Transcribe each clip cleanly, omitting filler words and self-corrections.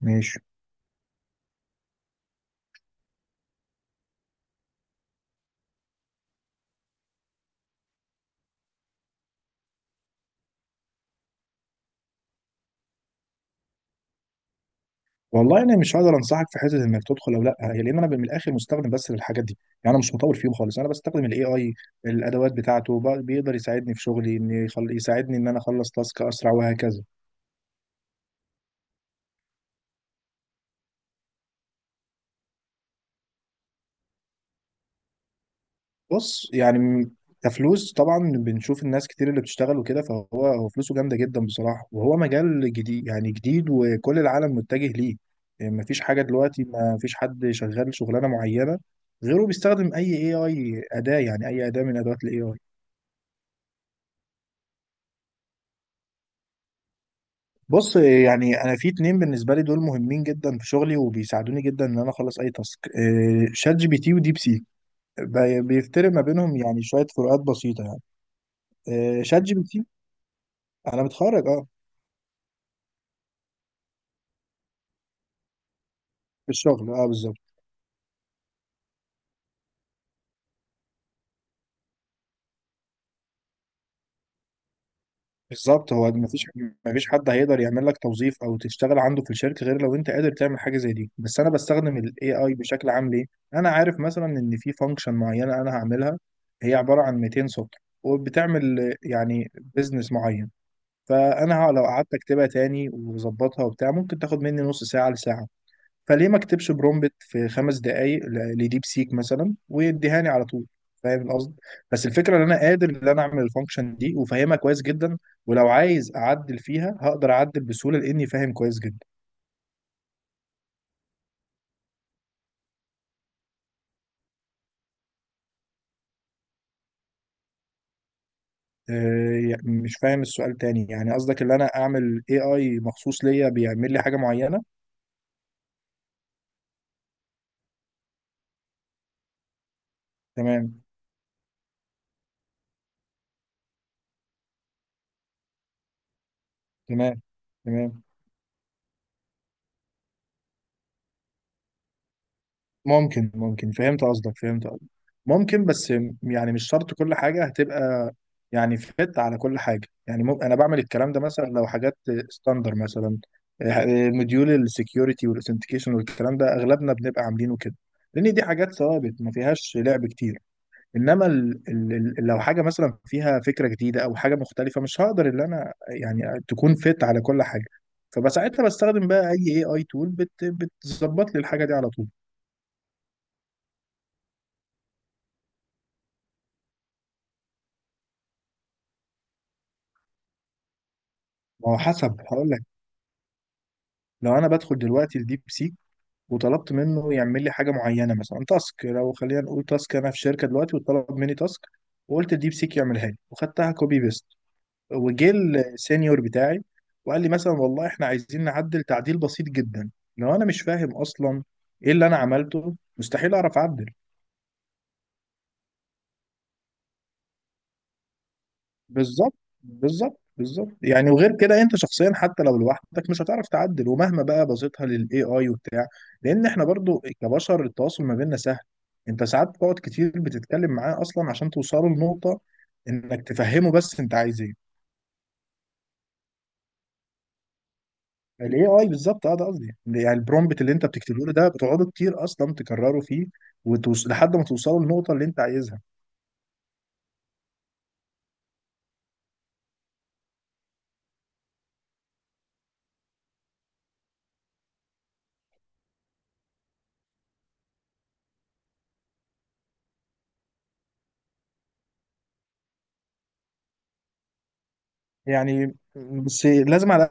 ماشي. والله انا مش هقدر انصحك في حته انك تدخل او لا هي، لان انا من الاخر مستخدم بس للحاجات دي. يعني انا مش مطور فيهم خالص، انا بستخدم الاي اي الادوات بتاعته. بيقدر يساعدني في شغلي ان يساعدني ان انا اخلص تاسك اسرع وهكذا. بص يعني كفلوس طبعا بنشوف الناس كتير اللي بتشتغل وكده، فهو فلوسه جامده جدا بصراحه، وهو مجال جديد، يعني جديد وكل العالم متجه ليه. يعني مفيش حاجه دلوقتي، مفيش حد شغال شغلانه معينه غيره بيستخدم اي اي اي اداه، يعني اي اداه من ادوات الاي اي. بص يعني انا في اتنين بالنسبه لي دول مهمين جدا في شغلي، وبيساعدوني جدا ان انا اخلص اي تاسك، شات جي بي تي وديب سيك. بيفترق ما بينهم يعني شويه فروقات بسيطه يعني. شات جي بي تي. انا متخرج اه. في الشغل اه بالظبط. بالظبط. هو ما فيش حد هيقدر يعمل لك توظيف او تشتغل عنده في الشركه غير لو انت قادر تعمل حاجه زي دي. بس انا بستخدم الاي اي بشكل عام ليه؟ انا عارف مثلا ان في فانكشن معينه انا هعملها، هي عباره عن 200 سطر وبتعمل، يعني بزنس معين. فانا لو قعدت اكتبها تاني وظبطها وبتاع ممكن تاخد مني نص ساعه لساعه. فليه ما اكتبش برومبت في خمس دقائق لديب سيك مثلا ويديهاني على طول؟ فاهم القصد. بس الفكره ان انا قادر ان انا اعمل الفانكشن دي وفاهمها كويس جدا، ولو عايز اعدل فيها هقدر اعدل بسهوله لاني فاهم كويس جدا. يعني مش فاهم السؤال تاني. يعني قصدك ان انا اعمل اي اي مخصوص ليا بيعمل لي حاجه معينه؟ تمام. تمام. تمام. ممكن. ممكن فهمت قصدك. فهمت قصدك. ممكن، بس يعني مش شرط كل حاجة هتبقى، يعني فت على كل حاجة. يعني ممكن أنا بعمل الكلام ده مثلا لو حاجات ستاندر مثلا، مديول السكيورتي والاثنتيكيشن والكلام ده أغلبنا بنبقى عاملينه كده، لأن دي حاجات ثوابت ما فيهاش لعب كتير. إنما لو حاجة مثلا فيها فكرة جديدة أو حاجة مختلفة مش هقدر إن أنا يعني تكون فت على كل حاجة. فبساعتها بستخدم بقى أي AI تول بت بتظبط لي الحاجة دي على طول. ما هو حسب، هقول لك. لو انا بدخل دلوقتي الديب سيك وطلبت منه يعمل لي حاجه معينه، مثلا تاسك، لو خلينا نقول تاسك انا في شركه دلوقتي وطلب مني تاسك، وقلت الديب سيك يعملها لي وخدتها كوبي بيست، وجه السينيور بتاعي وقال لي مثلا والله احنا عايزين نعدل تعديل بسيط جدا، لو انا مش فاهم اصلا ايه اللي انا عملته مستحيل اعرف اعدل. بالظبط. بالظبط يعني. وغير كده انت شخصيا حتى لو لوحدك مش هتعرف تعدل، ومهما بقى بسيطها للاي اي وبتاع، لان احنا برضو كبشر التواصل ما بيننا سهل. انت ساعات بتقعد كتير بتتكلم معاه اصلا عشان توصلوا لنقطة انك تفهمه بس انت عايز ايه. الاي اي بالظبط، اه ده قصدي. يعني البرومبت اللي انت بتكتبه له ده بتقعدوا كتير اصلا تكرروا فيه لحد ما توصلوا للنقطة اللي انت عايزها. يعني بس لازم على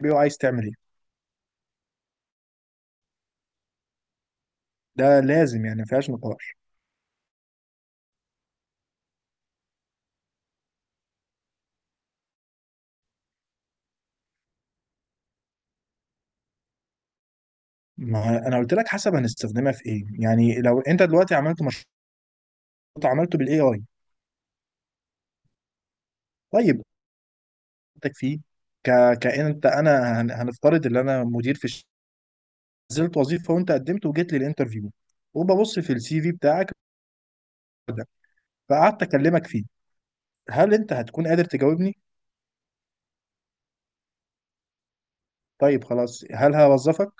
الاقل عايز تعمل ايه، ده لازم، يعني ما فيهاش نقاش. ما انا قلت لك، حسب هنستخدمها في ايه. يعني لو انت دلوقتي عملت مشروع، عملته بالاي اي، طيب انتك فيه، ك... كأن انت، هنفترض ان انا مدير في الشركه، نزلت وظيفه وانت قدمت وجيت لي الانترفيو، وببص في السي في بتاعك ده، فقعدت اكلمك فيه، هل انت هتكون قادر تجاوبني؟ طيب خلاص، هل هوظفك؟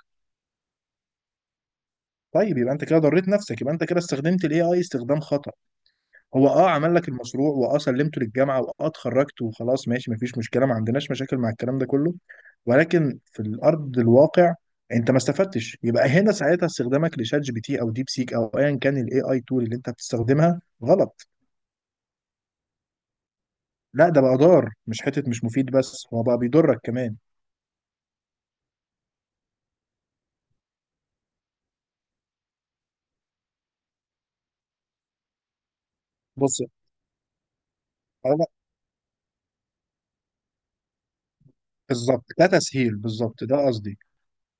طيب يبقى انت كده ضريت نفسك، يبقى انت كده استخدمت الاي اي استخدام خطأ. هو اه عمل لك المشروع واه سلمته للجامعه واه اتخرجت وخلاص، ماشي مفيش مشكله، ما عندناش مشاكل مع الكلام ده كله، ولكن في الارض الواقع انت ما استفدتش. يبقى هنا ساعتها استخدامك لشات جي بي تي او ديب سيك او ايا كان الاي اي تول اللي انت بتستخدمها غلط. لا، ده بقى ضار مش حته مش مفيد بس، هو بقى بيضرك كمان. بص هو بالظبط ده تسهيل، بالظبط ده قصدي،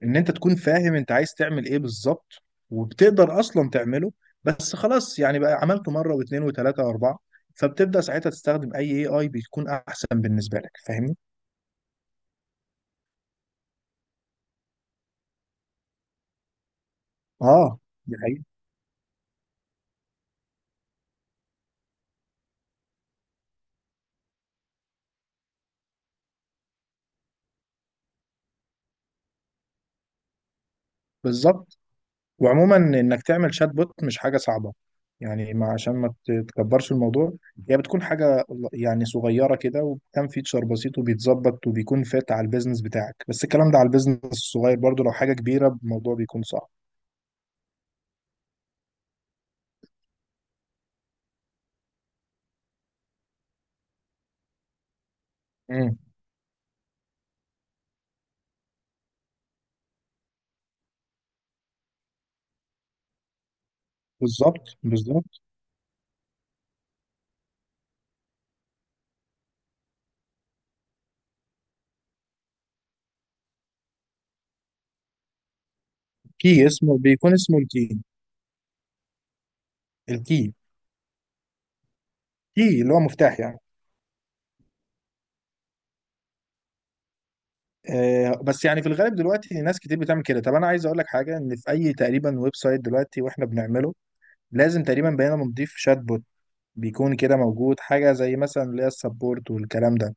ان انت تكون فاهم انت عايز تعمل ايه بالظبط وبتقدر اصلا تعمله. بس خلاص يعني بقى عملته مره واثنين وثلاثه واربعه، فبتبدا ساعتها تستخدم اي اي اي بيكون احسن بالنسبه لك. فاهمني؟ اه دي حقيقة. بالظبط. وعموما انك تعمل شات بوت مش حاجه صعبه، يعني ما عشان ما تكبرش الموضوع، هي بتكون حاجه يعني صغيره كده، وكم فيتشر بسيط وبيتظبط وبيكون فات على البيزنس بتاعك. بس الكلام ده على البيزنس الصغير، برضو لو حاجه كبيره الموضوع بيكون صعب. امم. بالظبط. كي اسمه، بيكون اسمه الكي. الكي، كي اللي هو مفتاح يعني. آه، بس يعني في الغالب دلوقتي ناس كتير بتعمل كده. طب انا عايز اقول لك حاجه، ان في اي تقريبا ويب سايت دلوقتي واحنا بنعمله لازم تقريبا بقينا بنضيف شات بوت، بيكون كده موجود حاجه زي مثلا اللي هي السبورت والكلام ده.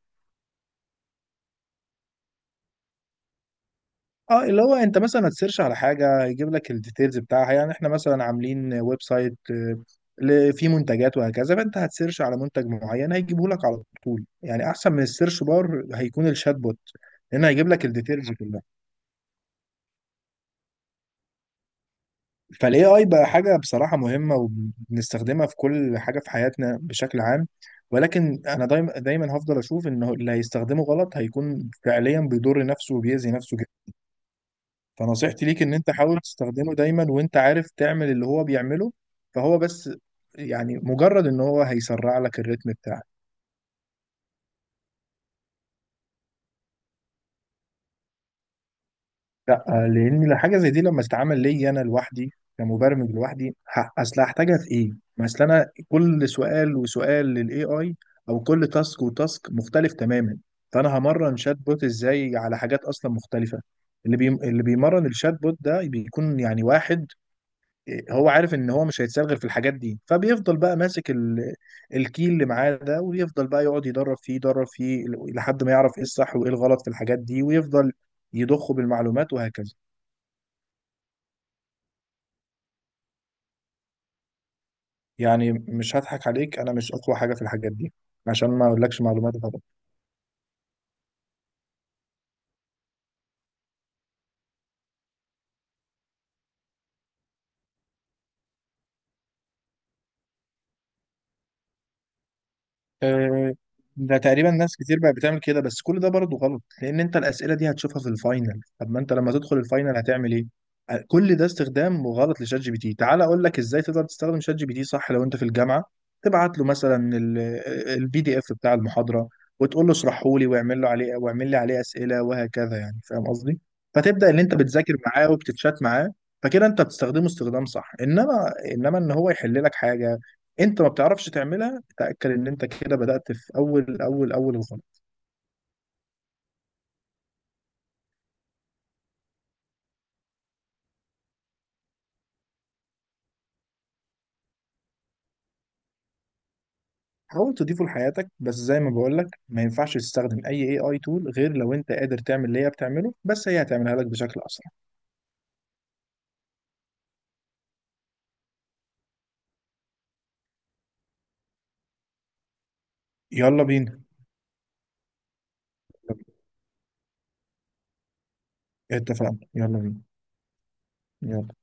اه اللي هو انت مثلا هتسيرش على حاجه يجيب لك الديتيلز بتاعها، يعني احنا مثلا عاملين ويب سايت، فيه منتجات وهكذا، فانت هتسيرش على منتج معين هيجيبه لك على طول، يعني احسن من السيرش بار هيكون الشات بوت، لان هيجيب لك الديتيلز كلها. فالاي اي بقى حاجه بصراحه مهمه، وبنستخدمها في كل حاجه في حياتنا بشكل عام. ولكن انا دايما هفضل اشوف انه اللي هيستخدمه غلط هيكون فعليا بيضر نفسه وبيأذي نفسه. فنصيحتي ليك ان انت حاول تستخدمه دايما وانت عارف تعمل اللي هو بيعمله، فهو بس يعني مجرد ان هو هيسرع لك الريتم بتاعك. لا، لان حاجه زي دي لما تتعمل لي انا لوحدي كمبرمج لوحدي، اصل هحتاجها في ايه؟ ما اصل انا كل سؤال وسؤال للاي اي او كل تاسك وتاسك مختلف تماما. فانا همرن شات بوت ازاي على حاجات اصلا مختلفه؟ اللي اللي بيمرن الشات بوت ده بيكون يعني واحد هو عارف ان هو مش هيتسال غير في الحاجات دي، فبيفضل بقى ماسك الكيل اللي معاه ده ويفضل بقى يقعد يدرب فيه لحد ما يعرف ايه الصح وايه الغلط في الحاجات دي، ويفضل يضخه بالمعلومات وهكذا. يعني مش هضحك عليك، انا مش اقوى حاجه في الحاجات دي عشان ما اقولكش معلومات. آه، ده تقريبا ناس كتير بقت بتعمل كده، بس كل ده برضه غلط لان انت الاسئله دي هتشوفها في الفاينل. طب ما انت لما تدخل الفاينل هتعمل ايه؟ كل ده استخدام غلط لشات جي بي تي. تعال اقول لك ازاي تقدر تستخدم شات جي بي تي صح. لو انت في الجامعه، تبعت له مثلا البي دي اف بتاع المحاضره وتقول له اشرحه لي، واعمل له عليه، واعمل لي عليه اسئله وهكذا. يعني فاهم قصدي؟ فتبدا ان انت بتذاكر معاه وبتتشات معاه، فكده انت بتستخدمه استخدام صح. انما ان هو يحل لك حاجه انت ما بتعرفش تعملها، تأكد إن أنت كده بدأت في أول الخط. حاول تضيفه لحياتك، بس زي ما بقولك ما ينفعش تستخدم أي AI tool غير لو أنت قادر تعمل اللي هي بتعمله، بس هي هتعملها لك بشكل أسرع. يلا بينا. اتفقنا، يلا بينا. يلا.